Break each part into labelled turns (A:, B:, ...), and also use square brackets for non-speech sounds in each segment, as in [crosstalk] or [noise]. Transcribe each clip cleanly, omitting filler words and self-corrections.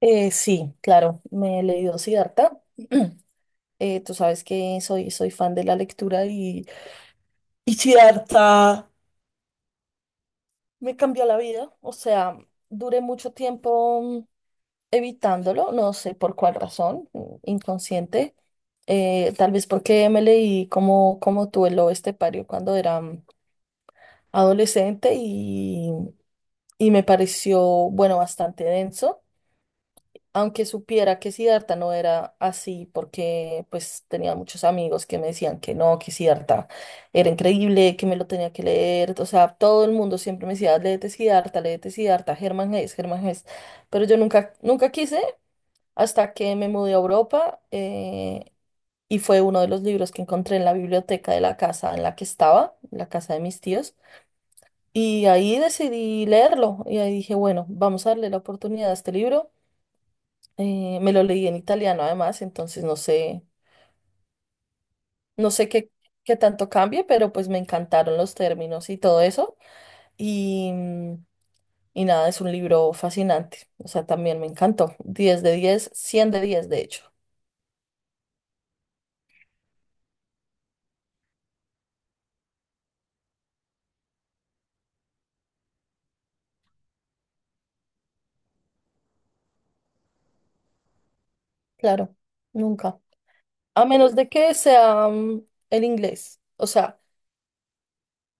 A: Sí, claro, me he leído Siddhartha. [clears throat] Tú sabes que soy fan de la lectura y Siddhartha me cambió la vida. O sea, duré mucho tiempo evitándolo, no sé por cuál razón, inconsciente. Tal vez porque me leí como tú el Pario cuando era adolescente y me pareció, bueno, bastante denso, aunque supiera que Siddhartha no era así, porque pues tenía muchos amigos que me decían que no, que Siddhartha era increíble, que me lo tenía que leer. O sea, todo el mundo siempre me decía, léete Siddhartha, Germán Hesse, Germán Hesse, pero yo nunca quise hasta que me mudé a Europa. Y fue uno de los libros que encontré en la biblioteca de la casa en la que estaba, la casa de mis tíos, y ahí decidí leerlo y ahí dije, bueno, vamos a darle la oportunidad a este libro. Me lo leí en italiano además, entonces no sé, no sé qué tanto cambie, pero pues me encantaron los términos y todo eso. Y, mm, y nada, es un libro fascinante. O sea, también me encantó. 10 de 10, 100 de 10 de hecho. Claro, nunca. A menos de que sea el inglés.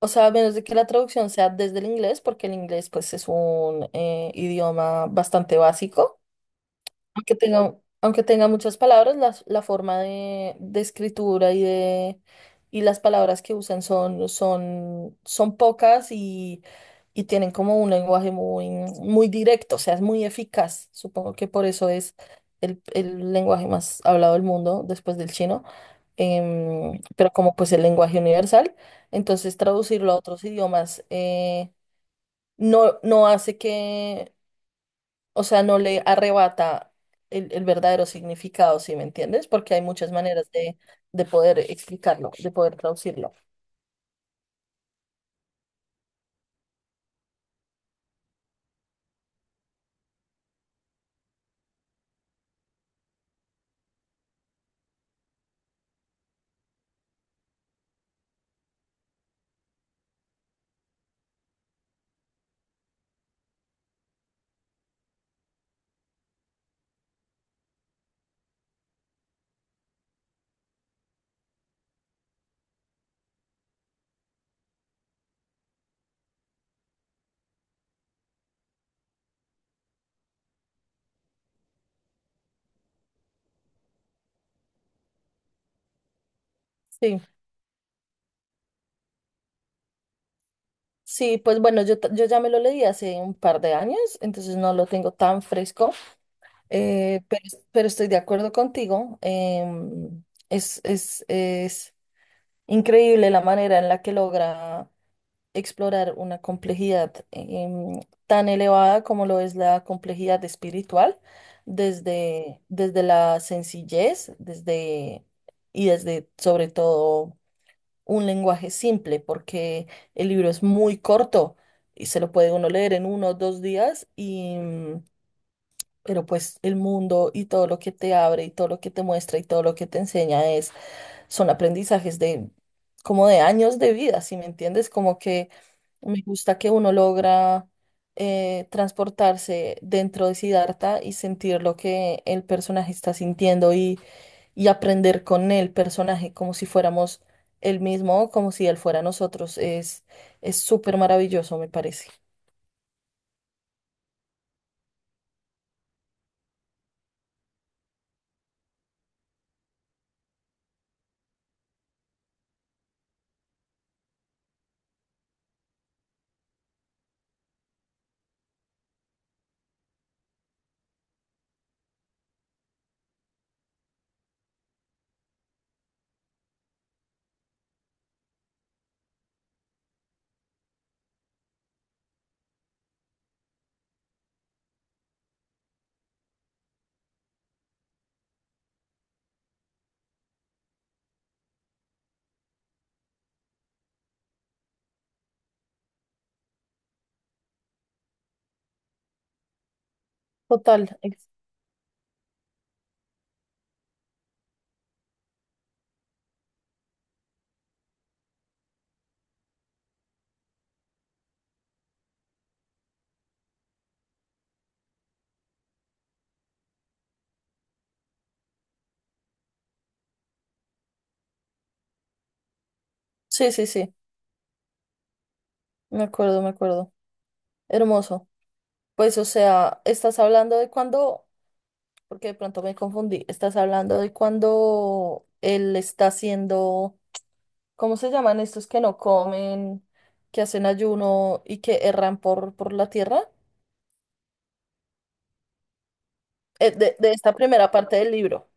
A: O sea, a menos de que la traducción sea desde el inglés, porque el inglés pues es un idioma bastante básico. Aunque tenga muchas palabras, la forma de escritura y de y las palabras que usan son pocas y tienen como un lenguaje muy, muy directo. O sea, es muy eficaz. Supongo que por eso es el lenguaje más hablado del mundo después del chino, pero como pues el lenguaje universal, entonces traducirlo a otros idiomas no, no hace que, o sea, no le arrebata el verdadero significado, ¿sí me entiendes? Porque hay muchas maneras de poder explicarlo, de poder traducirlo. Sí, sí, pues bueno, yo ya me lo leí hace un par de años, entonces no lo tengo tan fresco. eh, pero, pero estoy de acuerdo contigo. Es, es increíble la manera en la que logra explorar una complejidad tan elevada como lo es la complejidad espiritual, desde la sencillez, desde, y desde sobre todo un lenguaje simple, porque el libro es muy corto y se lo puede uno leer en uno o dos días. Pero pues el mundo y todo lo que te abre y todo lo que te muestra y todo lo que te enseña es, son aprendizajes de como de años de vida, ¿si me entiendes? Como que me gusta que uno logra transportarse dentro de Siddhartha y sentir lo que el personaje está sintiendo y aprender con el personaje como si fuéramos él mismo o como si él fuera nosotros. Es súper maravilloso, me parece. Total. Sí, sí, sí. Me acuerdo, me acuerdo. Hermoso. Pues, o sea, estás hablando de cuando, porque de pronto me confundí, estás hablando de cuando él está haciendo ¿cómo se llaman estos que no comen, que hacen ayuno y que erran por la tierra? De esta primera parte del libro.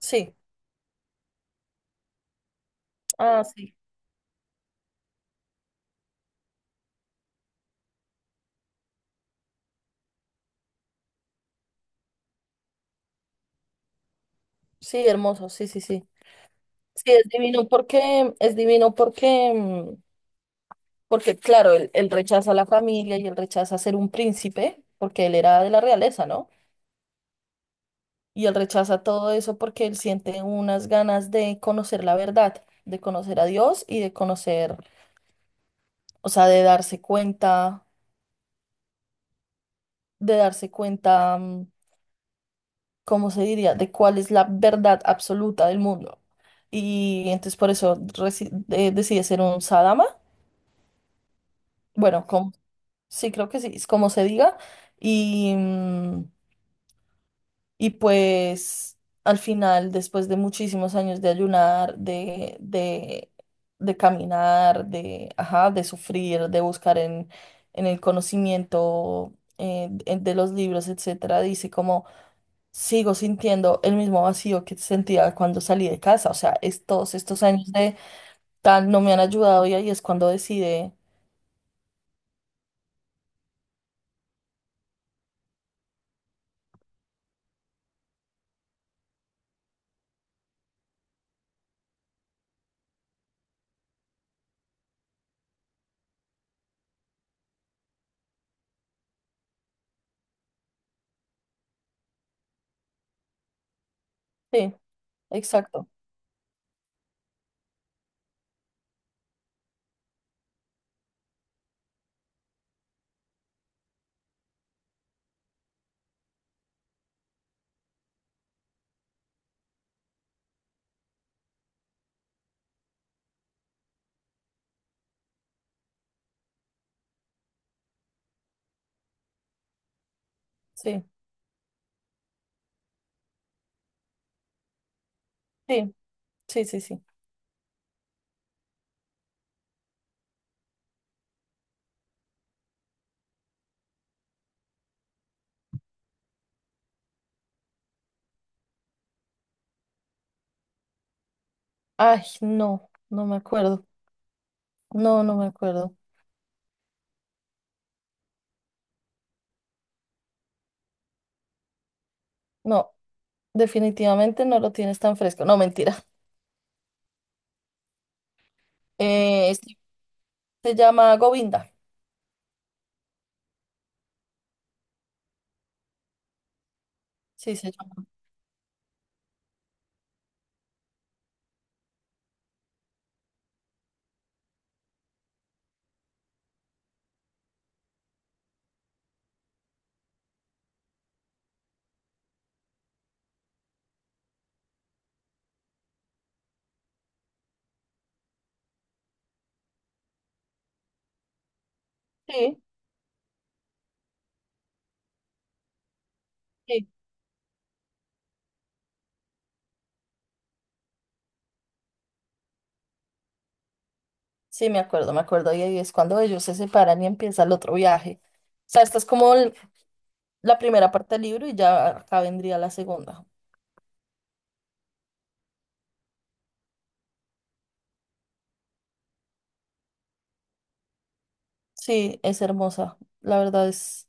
A: Sí. Ah, sí. Sí, hermoso. Sí, sí, sí. Sí, es divino porque, porque claro, él rechaza a la familia y él rechaza ser un príncipe, porque él era de la realeza, ¿no? Y él rechaza todo eso porque él siente unas ganas de conocer la verdad, de conocer a Dios y de conocer, o sea, de darse cuenta. De darse cuenta, ¿cómo se diría?, de cuál es la verdad absoluta del mundo. Y entonces por eso decide ser un sadama. Bueno, como, sí, creo que sí, es como se diga. Y, mm, y pues al final, después de muchísimos años de ayunar, de caminar, de, ajá, de sufrir, de buscar en el conocimiento de los libros, etcétera, dice como sigo sintiendo el mismo vacío que sentía cuando salí de casa. O sea, es, todos estos años de tal no me han ayudado y ahí es cuando decide. Sí, exacto. Sí, sí, sí, sí, sí. Ay, no, no me acuerdo. No, no me acuerdo. No, definitivamente no lo tienes tan fresco. No, mentira. Este se llama Govinda. Sí, se llama. Sí, sí, sí, me acuerdo, me acuerdo. Y ahí es cuando ellos se separan y empieza el otro viaje. O sea, esta es como la primera parte del libro y ya acá vendría la segunda. Sí, es hermosa. La verdad es.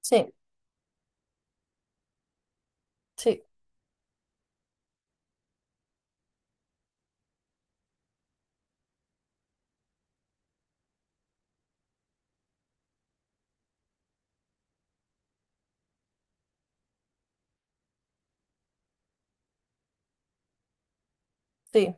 A: Sí, sí, sí.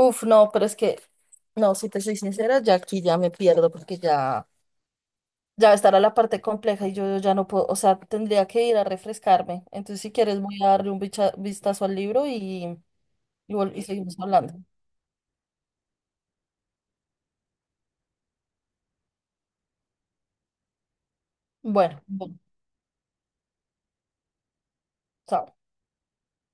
A: Uf, no, pero es que. No, si te soy sincera, ya aquí ya me pierdo porque ya. Ya estará la parte compleja y yo ya no puedo. O sea, tendría que ir a refrescarme. Entonces, si quieres, voy a darle un vistazo al libro y, y seguimos hablando. Bueno, bueno, chao.